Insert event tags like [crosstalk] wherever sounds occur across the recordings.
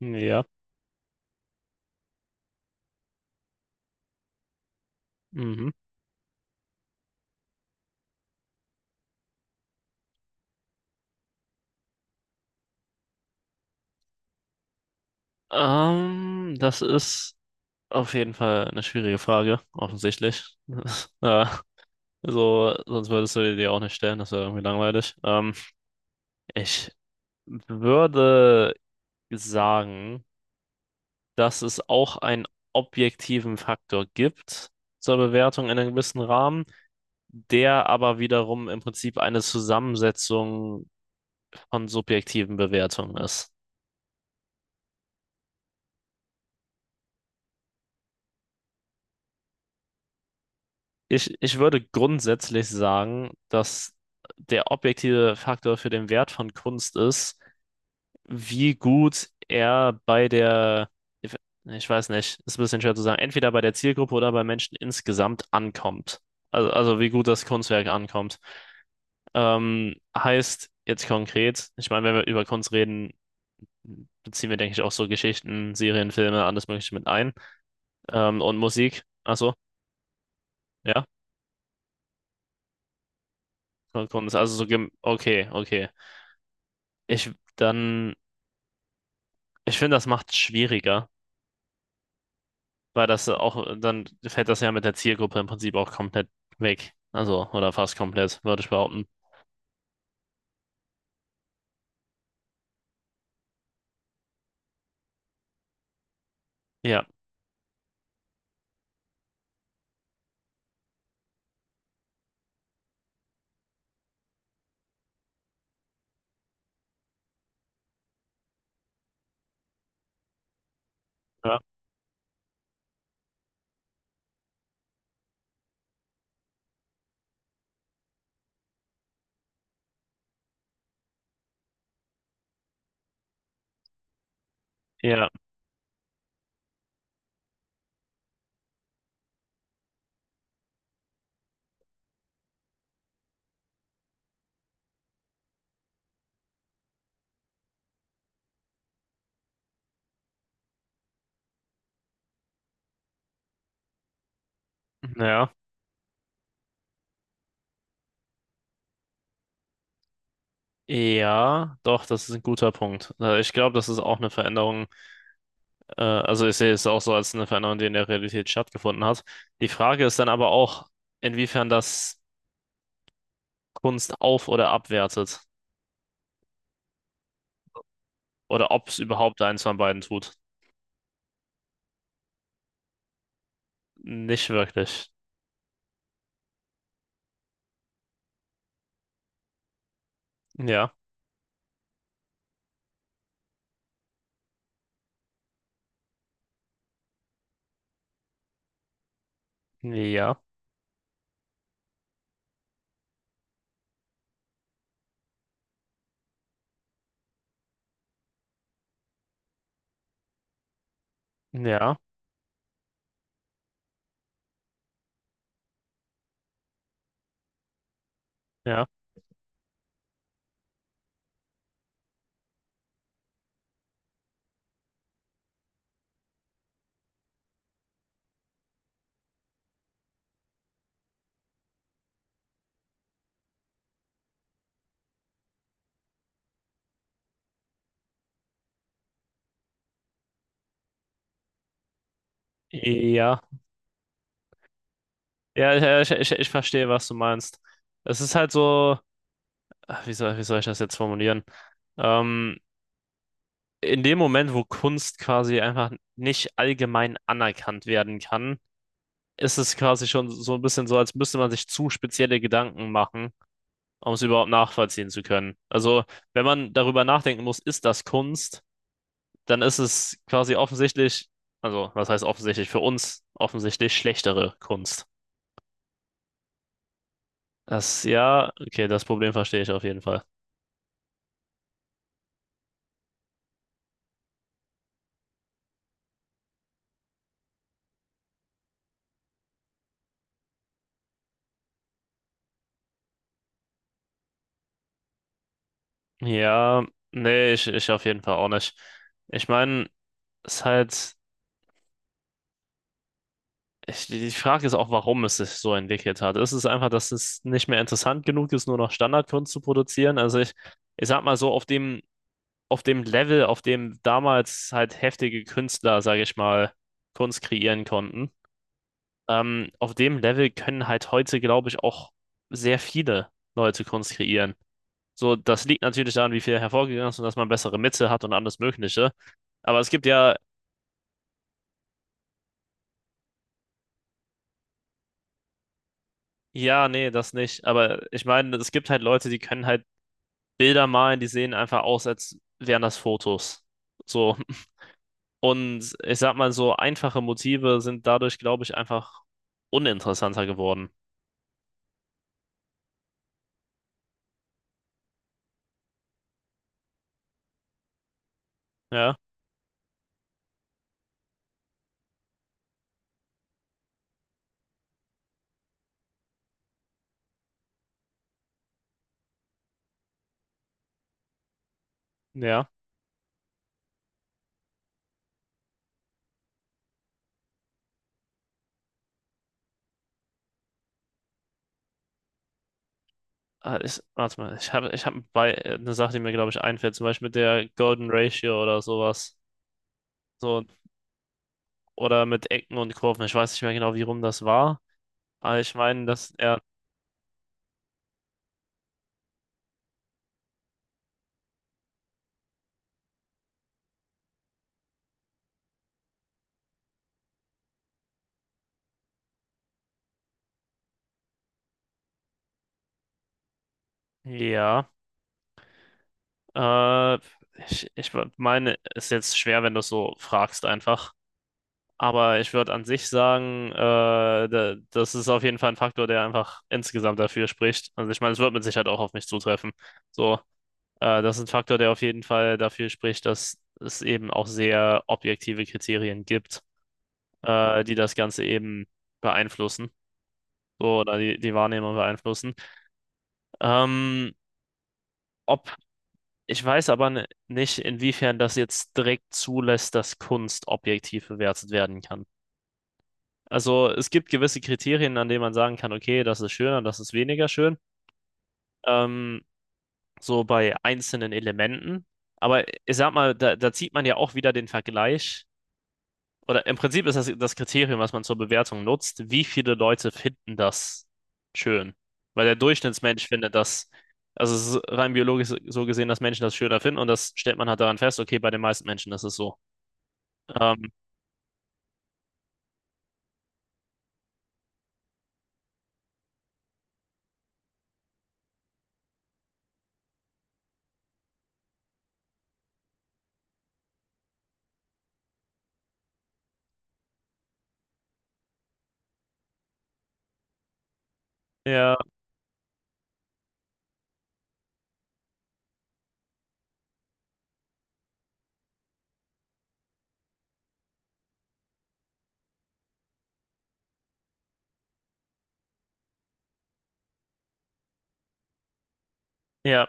Ja. Mhm. Das ist auf jeden Fall eine schwierige Frage, offensichtlich. [laughs] Ja, so, sonst würdest du die dir auch nicht stellen, das wäre irgendwie langweilig. Ich würde sagen, dass es auch einen objektiven Faktor gibt zur Bewertung in einem gewissen Rahmen, der aber wiederum im Prinzip eine Zusammensetzung von subjektiven Bewertungen ist. Ich würde grundsätzlich sagen, dass der objektive Faktor für den Wert von Kunst ist, wie gut er bei der, ich ich weiß nicht, ist ein bisschen schwer zu sagen, entweder bei der Zielgruppe oder bei Menschen insgesamt ankommt. Also wie gut das Kunstwerk ankommt. Heißt jetzt konkret, ich meine, wenn wir über Kunst reden, beziehen wir, denke ich, auch so Geschichten, Serien, Filme, alles Mögliche mit ein. Und Musik, ach so, ja, Kunst, also so, okay, okay. Ich dann, ich finde, das macht es schwieriger, weil das auch, dann fällt das ja mit der Zielgruppe im Prinzip auch komplett weg. Also, oder fast komplett, würde ich behaupten. Ja, ja, ja, ja. Ja, doch, das ist ein guter Punkt. Ich glaube, das ist auch eine Veränderung. Also ich sehe es auch so als eine Veränderung, die in der Realität stattgefunden hat. Die Frage ist dann aber auch, inwiefern das Kunst auf- oder abwertet oder ob es überhaupt eins von beiden tut. Nicht wirklich. Ja, ja, ja. Ja. Ja. Ja, ja, ich verstehe, was du meinst. Es ist halt so, ach, wie soll ich das jetzt formulieren? Ähm, in dem Moment, wo Kunst quasi einfach nicht allgemein anerkannt werden kann, ist es quasi schon so ein bisschen so, als müsste man sich zu spezielle Gedanken machen, um es überhaupt nachvollziehen zu können. Also, wenn man darüber nachdenken muss, ist das Kunst, dann ist es quasi offensichtlich, also, was heißt offensichtlich für uns, offensichtlich schlechtere Kunst. Das, ja, okay, das Problem verstehe ich auf jeden Fall. Ja, nee, ich auf jeden Fall auch nicht. Ich meine, es ist halt, die Frage ist auch, warum es sich so entwickelt hat. Ist es einfach, dass es nicht mehr interessant genug ist, nur noch Standardkunst zu produzieren? Also ich sag mal so, auf dem Level, auf dem damals halt heftige Künstler, sage ich mal, Kunst kreieren konnten, auf dem Level können halt heute, glaube ich, auch sehr viele Leute Kunst kreieren. So, das liegt natürlich daran, wie viel hervorgegangen ist und dass man bessere Mitte hat und alles Mögliche. Aber es gibt ja, ja, nee, das nicht. Aber ich meine, es gibt halt Leute, die können halt Bilder malen, die sehen einfach aus, als wären das Fotos. So. [laughs] Und ich sag mal, so einfache Motive sind dadurch, glaube ich, einfach uninteressanter geworden. Ja, ja. Ah, warte mal, ich habe ich hab bei, eine Sache, die mir, glaube ich, einfällt, zum Beispiel mit der Golden Ratio oder sowas. So, oder mit Ecken und Kurven. Ich weiß nicht mehr genau, wie rum das war. Aber ich meine, dass er, ja, äh, ich meine, ist jetzt schwer, wenn du es so fragst einfach. Aber ich würde an sich sagen, das ist auf jeden Fall ein Faktor, der einfach insgesamt dafür spricht. Also ich meine, es wird mit Sicherheit auch auf mich zutreffen. So, das ist ein Faktor, der auf jeden Fall dafür spricht, dass es eben auch sehr objektive Kriterien gibt, die das Ganze eben beeinflussen. So, oder die Wahrnehmung beeinflussen. Ähm, ob Ich weiß aber nicht, inwiefern das jetzt direkt zulässt, dass Kunst objektiv bewertet werden kann. Also es gibt gewisse Kriterien, an denen man sagen kann, okay, das ist schöner, das ist weniger schön. Ähm, so bei einzelnen Elementen. Aber ich sag mal, da zieht man ja auch wieder den Vergleich oder im Prinzip ist das das Kriterium, was man zur Bewertung nutzt, wie viele Leute finden das schön. Weil der Durchschnittsmensch findet das, also es ist rein biologisch so gesehen, dass Menschen das schöner finden und das stellt man halt daran fest, okay, bei den meisten Menschen ist es so. Ähm, ja, ja,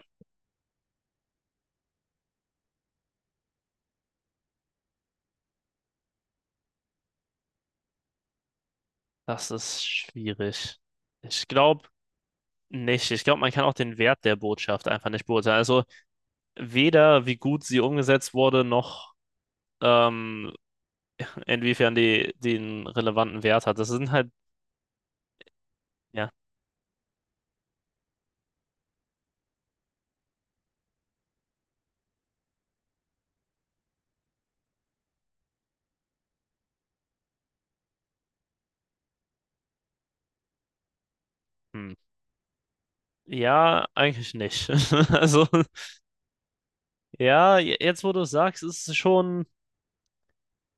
das ist schwierig. Ich glaube nicht. Ich glaube, man kann auch den Wert der Botschaft einfach nicht beurteilen. Also weder wie gut sie umgesetzt wurde, noch ähm, inwiefern die den relevanten Wert hat. Das sind halt, ja. Hm. Ja, eigentlich nicht. [laughs] Also, ja, jetzt wo du es sagst, ist es schon.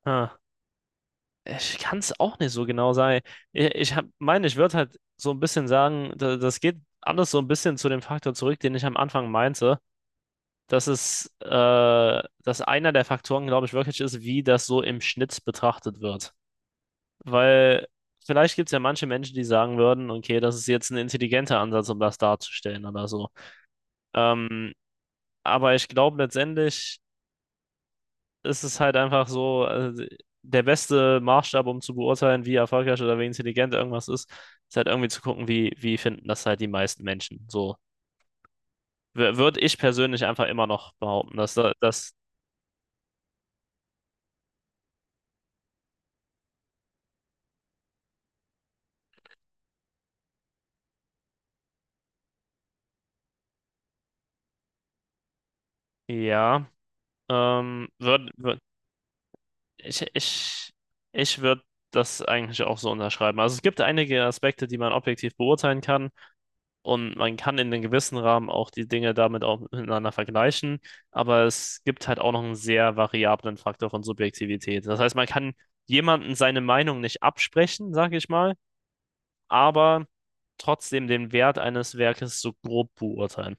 Ah, ich kann es auch nicht so genau sagen. Ich meine, ich würde halt so ein bisschen sagen, das geht alles so ein bisschen zu dem Faktor zurück, den ich am Anfang meinte. Das ist, dass einer der Faktoren, glaube ich, wirklich ist, wie das so im Schnitt betrachtet wird. Weil vielleicht gibt es ja manche Menschen, die sagen würden, okay, das ist jetzt ein intelligenter Ansatz, um das darzustellen oder so. Ähm, aber ich glaube letztendlich ist es halt einfach so, also der beste Maßstab, um zu beurteilen, wie erfolgreich oder wie intelligent irgendwas ist, ist halt irgendwie zu gucken, wie finden das halt die meisten Menschen. So, würde ich persönlich einfach immer noch behaupten, dass das, ja, ähm, würd, würd, ich, ich, ich würde das eigentlich auch so unterschreiben. Also es gibt einige Aspekte, die man objektiv beurteilen kann. Und man kann in einem gewissen Rahmen auch die Dinge damit auch miteinander vergleichen, aber es gibt halt auch noch einen sehr variablen Faktor von Subjektivität. Das heißt, man kann jemanden seine Meinung nicht absprechen, sage ich mal, aber trotzdem den Wert eines Werkes so grob beurteilen.